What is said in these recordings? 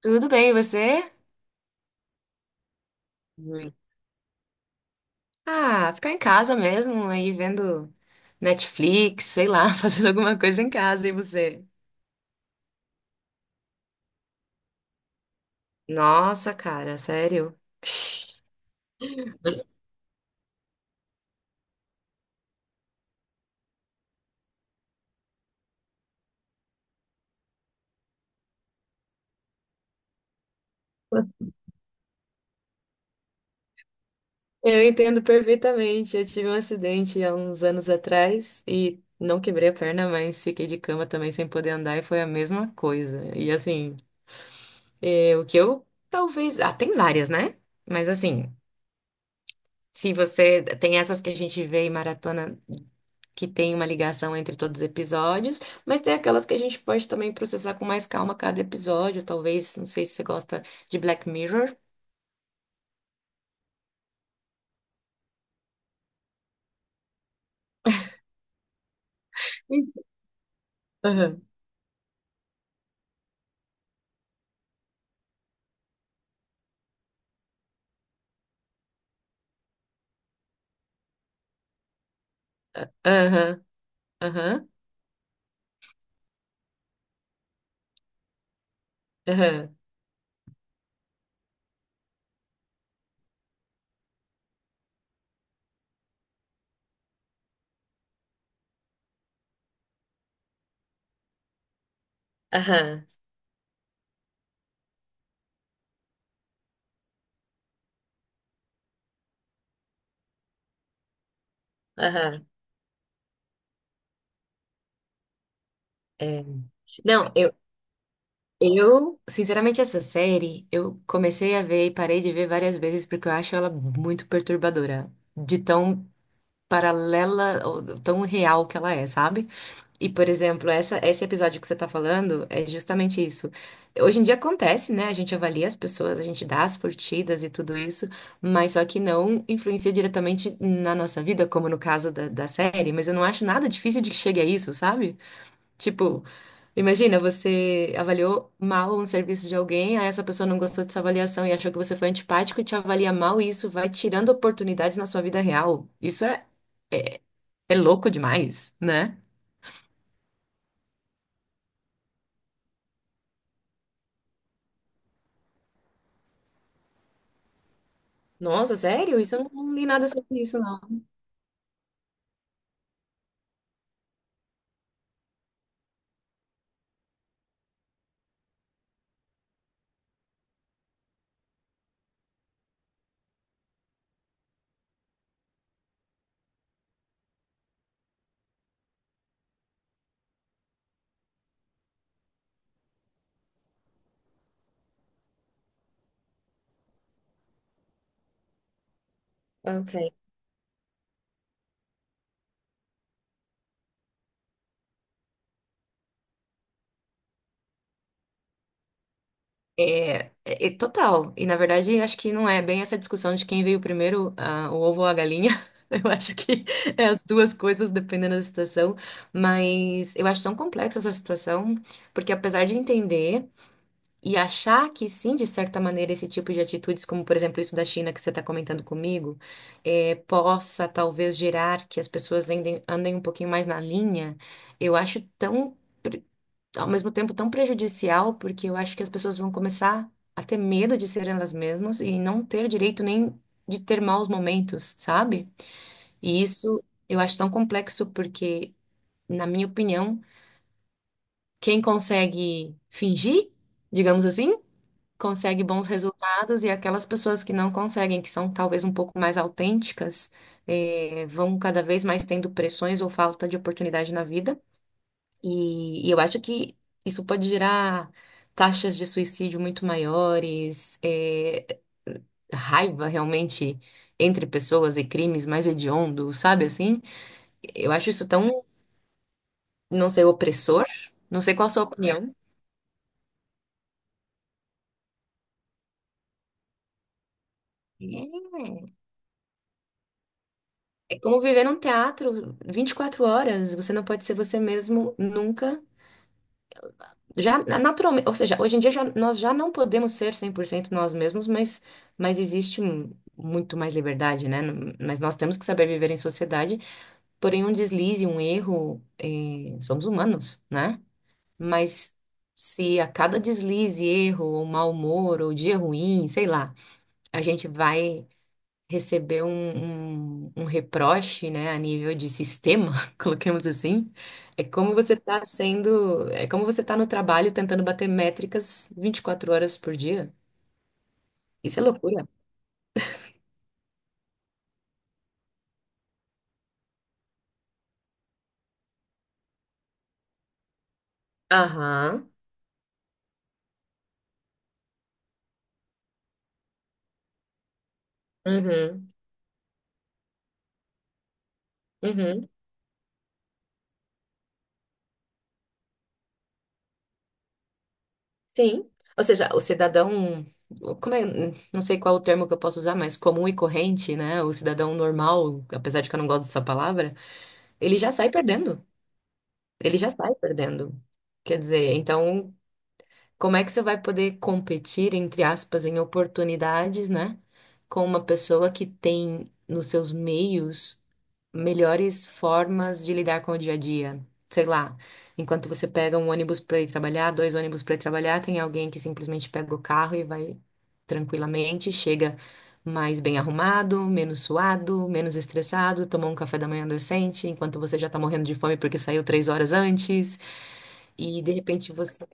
Tudo bem, e você? Ui. Ah, ficar em casa mesmo, aí vendo Netflix, sei lá, fazendo alguma coisa em casa, e você? Nossa, cara, sério? mas- Eu entendo perfeitamente. Eu tive um acidente há uns anos atrás e não quebrei a perna, mas fiquei de cama também sem poder andar e foi a mesma coisa. E assim, é, o que eu talvez. Ah, tem várias, né? Mas assim, se você tem essas que a gente vê em maratona. Que tem uma ligação entre todos os episódios, mas tem aquelas que a gente pode também processar com mais calma cada episódio, talvez, não sei se você gosta de Black Mirror. Sim. Aham, aham, aham, aham, aham, aham. É. Não, eu, sinceramente, essa série eu comecei a ver e parei de ver várias vezes porque eu acho ela muito perturbadora, de tão paralela, ou tão real que ela é, sabe? E, por exemplo, esse episódio que você está falando é justamente isso. Hoje em dia acontece, né? A gente avalia as pessoas, a gente dá as curtidas e tudo isso, mas só que não influencia diretamente na nossa vida, como no caso da série. Mas eu não acho nada difícil de que chegue a isso, sabe? Tipo, imagina, você avaliou mal um serviço de alguém, aí essa pessoa não gostou dessa avaliação e achou que você foi antipático e te avalia mal, e isso vai tirando oportunidades na sua vida real. Isso é louco demais, né? Nossa, sério? Isso eu não li nada sobre isso, não. Ok. É, é total. E na verdade, acho que não é bem essa discussão de quem veio primeiro, o ovo ou a galinha. Eu acho que é as duas coisas, dependendo da situação. Mas eu acho tão complexa essa situação, porque apesar de entender e achar que sim, de certa maneira, esse tipo de atitudes, como por exemplo isso da China que você está comentando comigo, é, possa talvez gerar que as pessoas andem, andem um pouquinho mais na linha, eu acho tão. Ao mesmo tempo tão prejudicial, porque eu acho que as pessoas vão começar a ter medo de ser elas mesmas e não ter direito nem de ter maus momentos, sabe? E isso eu acho tão complexo porque, na minha opinião, quem consegue fingir, digamos assim, consegue bons resultados e aquelas pessoas que não conseguem, que são talvez um pouco mais autênticas, vão cada vez mais tendo pressões ou falta de oportunidade na vida. E eu acho que isso pode gerar taxas de suicídio muito maiores, é, raiva realmente entre pessoas e crimes mais hediondos, sabe assim? Eu acho isso tão, não sei, opressor. Não sei qual a sua opinião. É. É como viver num teatro 24 horas. Você não pode ser você mesmo nunca. Já naturalmente, ou seja, hoje em dia nós já não podemos ser 100% nós mesmos, mas, existe muito mais liberdade, né? Mas nós temos que saber viver em sociedade, porém um deslize, um erro, somos humanos, né? Mas se a cada deslize, erro, ou mau humor, ou dia ruim, sei lá, a gente vai recebeu um reproche, né, a nível de sistema, coloquemos assim, é como você está sendo, é como você está no trabalho tentando bater métricas 24 horas por dia. Isso é loucura. Aham. Uhum. Uhum. Sim. Ou seja, o cidadão, como é, não sei qual o termo que eu posso usar, mas comum e corrente, né? O cidadão normal, apesar de que eu não gosto dessa palavra, ele já sai perdendo. Ele já sai perdendo. Quer dizer, então, como é que você vai poder competir, entre aspas, em oportunidades, né? Com uma pessoa que tem nos seus meios melhores formas de lidar com o dia a dia? Sei lá, enquanto você pega um ônibus para ir trabalhar, dois ônibus para ir trabalhar, tem alguém que simplesmente pega o carro e vai tranquilamente, chega mais bem arrumado, menos suado, menos estressado, tomou um café da manhã decente, enquanto você já tá morrendo de fome porque saiu 3 horas antes, e de repente você.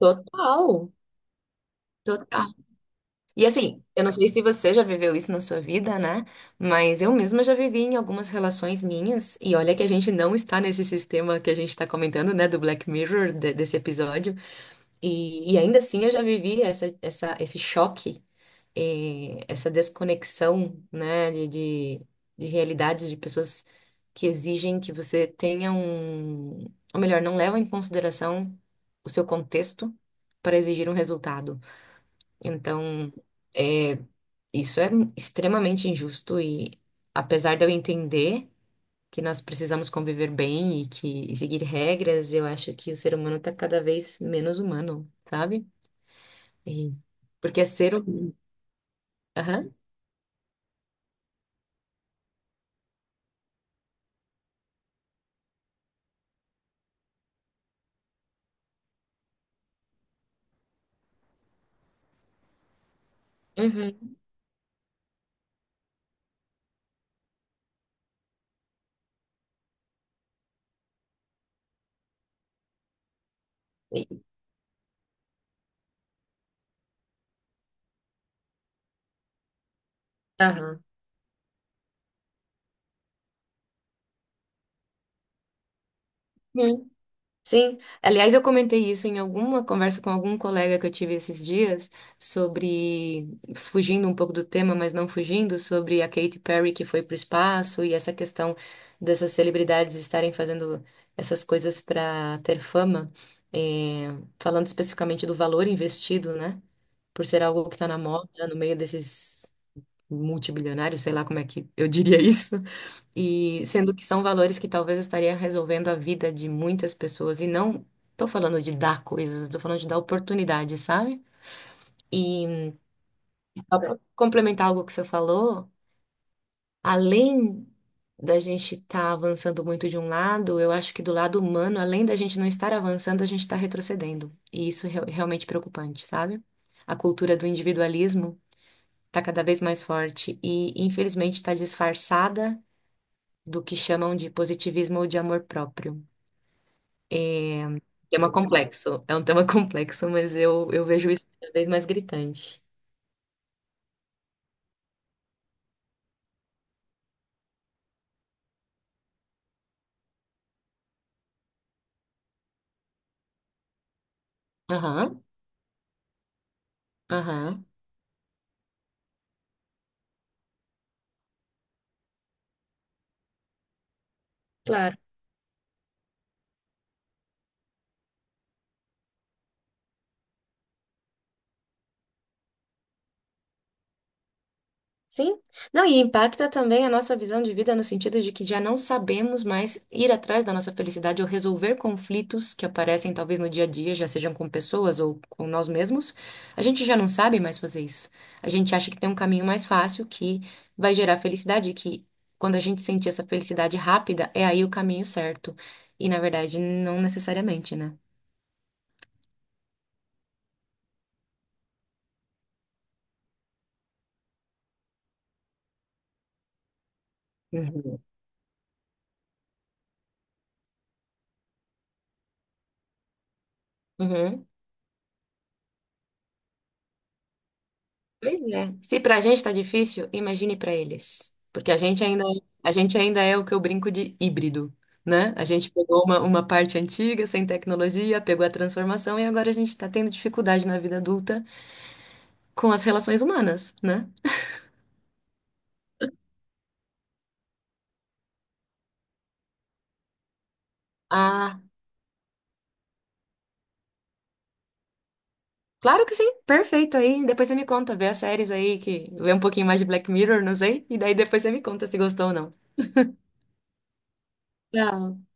Total. Total. E assim, eu não sei se você já viveu isso na sua vida, né? Mas eu mesma já vivi em algumas relações minhas, e olha que a gente não está nesse sistema que a gente está comentando, né? Do Black Mirror, desse episódio. E ainda assim eu já vivi essa, essa, esse choque, essa desconexão, né? De realidades de pessoas que exigem que você tenha um. Ou melhor, não levam em consideração o seu contexto para exigir um resultado. Então. Isso é extremamente injusto e, apesar de eu entender que nós precisamos conviver bem e que e seguir regras, eu acho que o ser humano está cada vez menos humano, sabe? E- Porque é ser humano. Aham. Uhum. E- Aham. Sim, aliás, eu comentei isso em alguma conversa com algum colega que eu tive esses dias sobre, fugindo um pouco do tema, mas não fugindo, sobre a Katy Perry que foi para o espaço e essa questão dessas celebridades estarem fazendo essas coisas para ter fama, eh, falando especificamente do valor investido, né? Por ser algo que está na moda, no meio desses multibilionários, sei lá como é que eu diria isso. E sendo que são valores que talvez estaria resolvendo a vida de muitas pessoas. E não tô falando de dar coisas, tô falando de dar oportunidade, sabe? E só para complementar algo que você falou, além da gente estar avançando muito de um lado, eu acho que do lado humano, além da gente não estar avançando, a gente está retrocedendo. E isso é realmente preocupante, sabe? A cultura do individualismo está cada vez mais forte e, infelizmente, está disfarçada do que chamam de positivismo ou de amor próprio. É, tema complexo. É um tema complexo, mas eu vejo isso cada vez mais gritante. Aham, aham. Claro. Sim. Não, e impacta também a nossa visão de vida no sentido de que já não sabemos mais ir atrás da nossa felicidade ou resolver conflitos que aparecem talvez no dia a dia, já sejam com pessoas ou com nós mesmos. A gente já não sabe mais fazer isso. A gente acha que tem um caminho mais fácil que vai gerar felicidade, que quando a gente sentir essa felicidade rápida, é aí o caminho certo. E na verdade, não necessariamente, né? Uhum. Uhum. Pois é. Se pra gente tá difícil, imagine pra eles. Porque a gente ainda é o que eu brinco de híbrido, né? A gente pegou uma parte antiga, sem tecnologia, pegou a transformação e agora a gente está tendo dificuldade na vida adulta com as relações humanas, né? Ah, claro que sim. Perfeito aí. Depois você me conta, vê as séries aí que vê um pouquinho mais de Black Mirror, não sei, e daí depois você me conta se gostou ou não. Tchau.